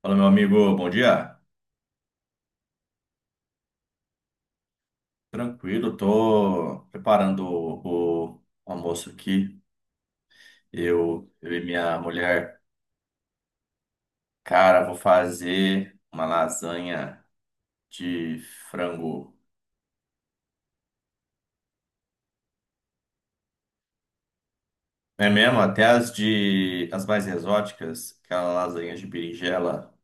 Fala, meu amigo, bom dia. Tranquilo, tô preparando o almoço aqui. Eu e minha mulher, cara, vou fazer uma lasanha de frango. É mesmo, até as mais exóticas, aquela lasanha de berinjela,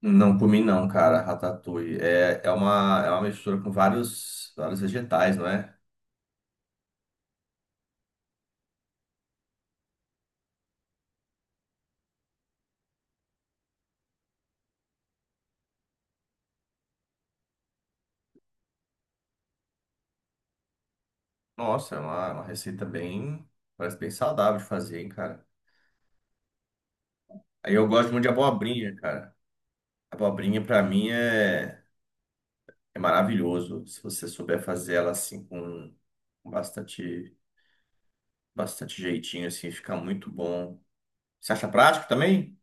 não comi não, cara, ratatouille. É, é uma mistura com vários vegetais, não é? Nossa, é uma receita bem parece bem saudável de fazer, hein, cara. Aí eu gosto muito de abobrinha, cara. Abobrinha para mim é, é maravilhoso. Se você souber fazer ela assim com bastante, bastante jeitinho, assim, fica muito bom. Você acha prático também?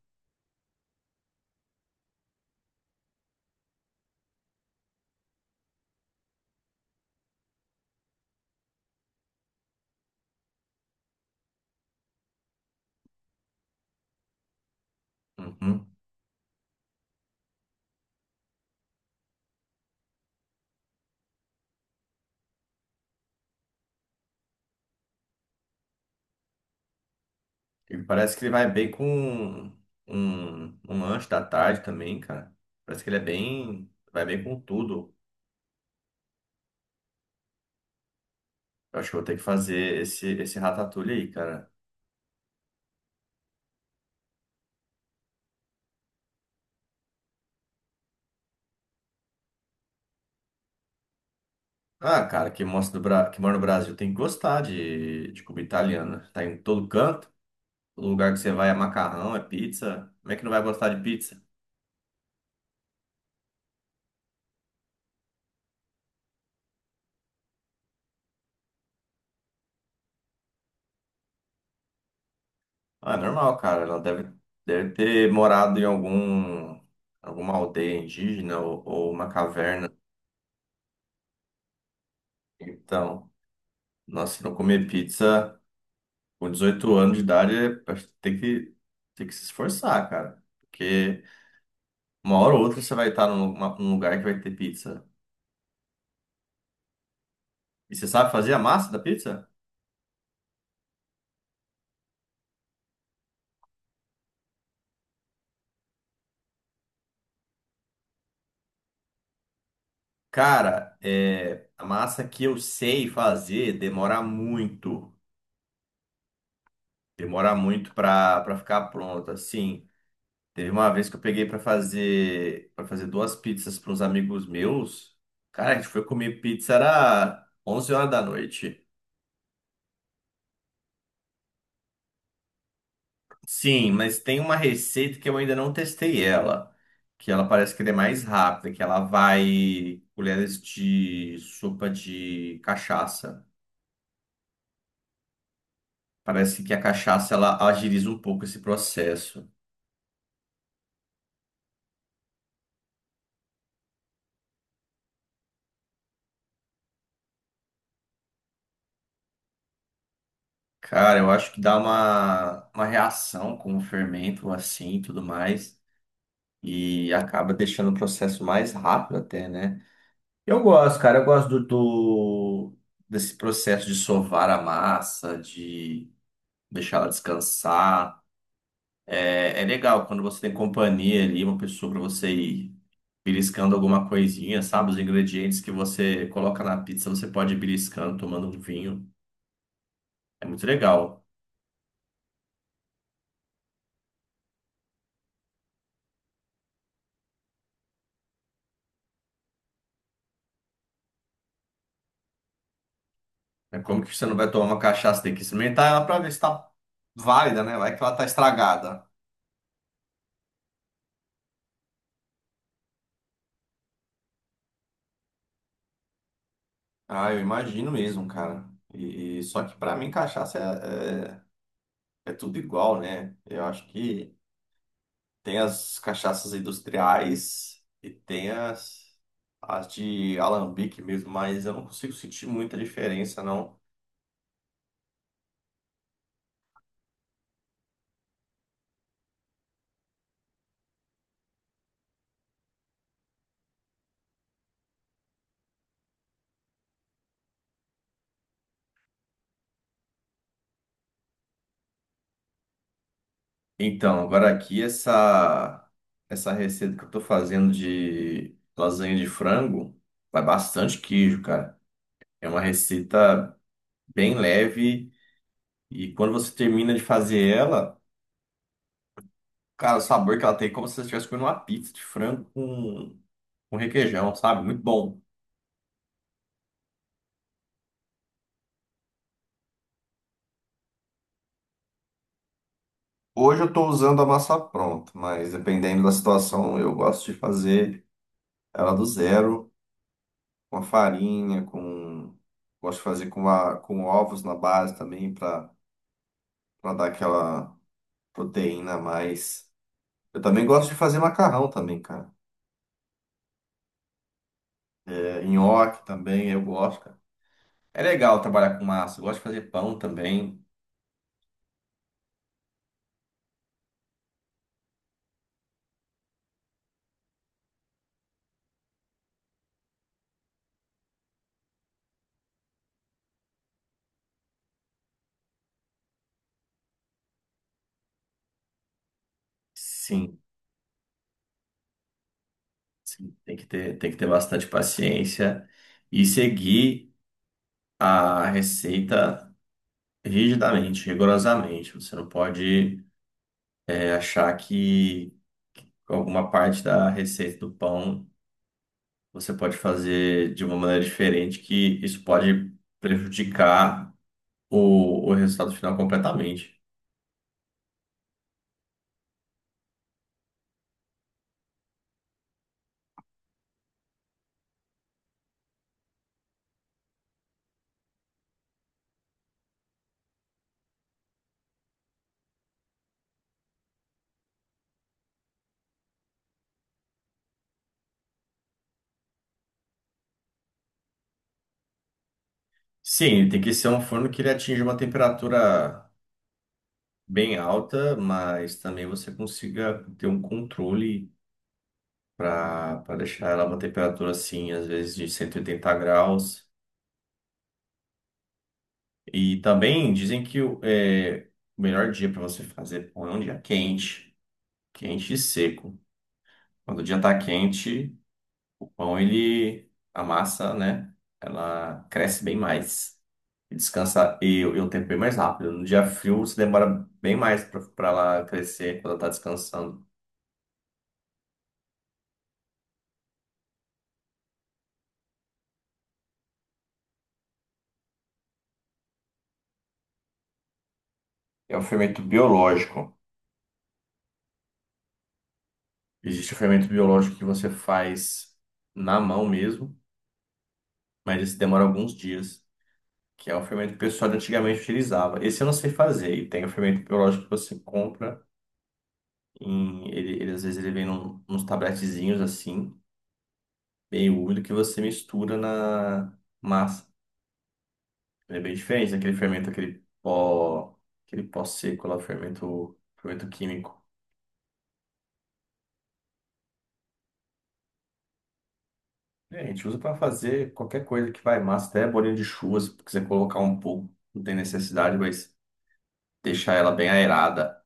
Uhum. E parece que ele vai bem com um lanche da tarde também, cara. Parece que ele é bem, vai bem com tudo. Eu acho que eu vou ter que fazer esse ratatouille aí, cara. Ah, cara, que mora no Brasil tem que gostar de comida italiana. Tá em todo canto. O lugar que você vai é macarrão, é pizza. Como é que não vai gostar de pizza? Ah, é normal, cara. Ela deve, deve ter morado em alguma aldeia indígena ou uma caverna. Então, nossa, se não comer pizza com 18 anos de idade, acho que tem tem que se esforçar, cara. Porque uma hora ou outra você vai estar num lugar que vai ter pizza. E você sabe fazer a massa da pizza? Cara, é, a massa que eu sei fazer demora muito. Demora muito para ficar pronta. Sim, teve uma vez que eu peguei para fazer duas pizzas para uns amigos meus. Cara, a gente foi comer pizza era 11 horas da noite. Sim, mas tem uma receita que eu ainda não testei ela, que ela parece que ela é mais rápida, que ela vai colheres de sopa de cachaça. Parece que a cachaça ela agiliza um pouco esse processo. Cara, eu acho que dá uma reação com o fermento assim e tudo mais. E acaba deixando o processo mais rápido até, né? Eu gosto, cara. Eu gosto do desse processo de sovar a massa, de deixar ela descansar. É, é legal quando você tem companhia ali, uma pessoa para você ir beliscando alguma coisinha, sabe? Os ingredientes que você coloca na pizza, você pode ir beliscando, tomando um vinho. É muito legal. É como que você não vai tomar uma cachaça, tem que experimentar ela pra ver se tá válida, né? Vai que ela tá estragada. Ah, eu imagino mesmo, cara. Só que pra mim cachaça é, é tudo igual, né? Eu acho que tem as cachaças industriais e tem as de alambique mesmo, mas eu não consigo sentir muita diferença, não. Então, agora aqui essa receita que eu tô fazendo de lasanha de frango vai bastante queijo, cara. É uma receita bem leve e quando você termina de fazer ela, cara, o sabor que ela tem é como se você estivesse comendo uma pizza de frango com requeijão, sabe? Muito bom. Hoje eu estou usando a massa pronta, mas dependendo da situação, eu gosto de fazer ela do zero, com a farinha, com... Gosto de fazer com, a, com ovos na base também para dar aquela proteína a mais. Eu também gosto de fazer macarrão também, cara. É, nhoque também, eu gosto. É legal trabalhar com massa. Eu gosto de fazer pão também. Sim, sim. Tem que ter bastante paciência e seguir a receita rigidamente, rigorosamente. Você não pode, é, achar que alguma parte da receita do pão você pode fazer de uma maneira diferente, que isso pode prejudicar o resultado final completamente. Sim, tem que ser um forno que ele atinja uma temperatura bem alta, mas também você consiga ter um controle para deixar ela uma temperatura assim, às vezes de 180 graus. E também dizem que o melhor dia para você fazer pão é um dia quente, quente e seco. Quando o dia tá quente, o pão ele a massa, né? Ela cresce bem mais. E descansa e o tempo bem mais rápido. No dia frio, você demora bem mais para ela crescer quando ela está descansando. É um fermento biológico. Existe o fermento biológico que você faz na mão mesmo, mas esse demora alguns dias, que é o fermento que o pessoal de antigamente utilizava. Esse eu não sei fazer. E tem o fermento biológico que você compra ele às vezes ele vem uns tabletezinhos assim, meio úmido, que você mistura na massa. Ele é bem diferente daquele fermento, aquele pó seco lá, o fermento, fermento químico. É, a gente usa para fazer qualquer coisa que vai massa, até bolinho de chuva, se quiser colocar um pouco, não tem necessidade, mas deixar ela bem aerada.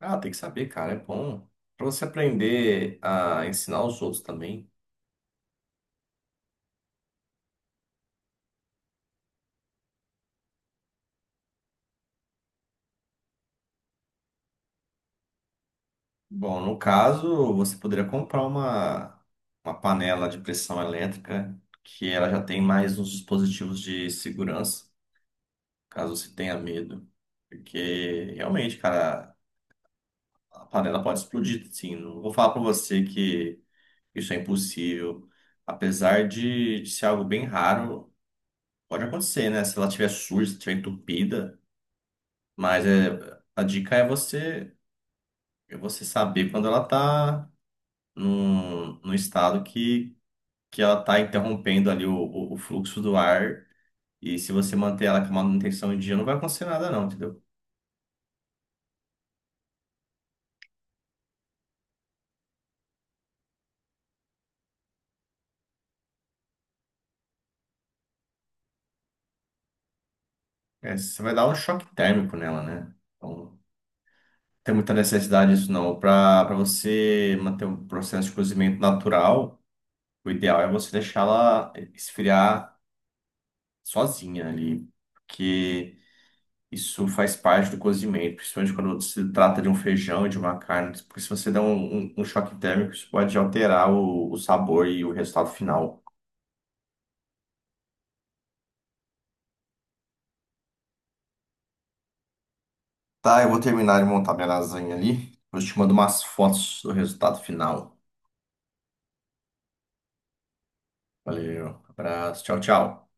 Ah, tem que saber, cara, é bom para você aprender a ensinar os outros também. Bom, no caso, você poderia comprar uma panela de pressão elétrica que ela já tem mais uns dispositivos de segurança, caso você tenha medo. Porque realmente, cara, a panela pode explodir, sim. Não vou falar para você que isso é impossível. Apesar de ser algo bem raro, pode acontecer, né? Se ela estiver suja, se estiver entupida. Mas é, a dica é você saber quando ela está num estado que ela está interrompendo ali o fluxo do ar. E se você manter ela com manutenção em dia, não vai acontecer nada, não, entendeu? É, você vai dar um choque térmico nela, né? Então, não tem muita necessidade disso, não. Para você manter um processo de cozimento natural, o ideal é você deixá-la esfriar sozinha ali. Porque. Isso faz parte do cozimento, principalmente quando se trata de um feijão e de uma carne, porque se você der um, um choque térmico, isso pode alterar o sabor e o resultado final. Tá, eu vou terminar de montar minha lasanha ali. Eu te mando umas fotos do resultado final. Valeu, abraço, tchau, tchau.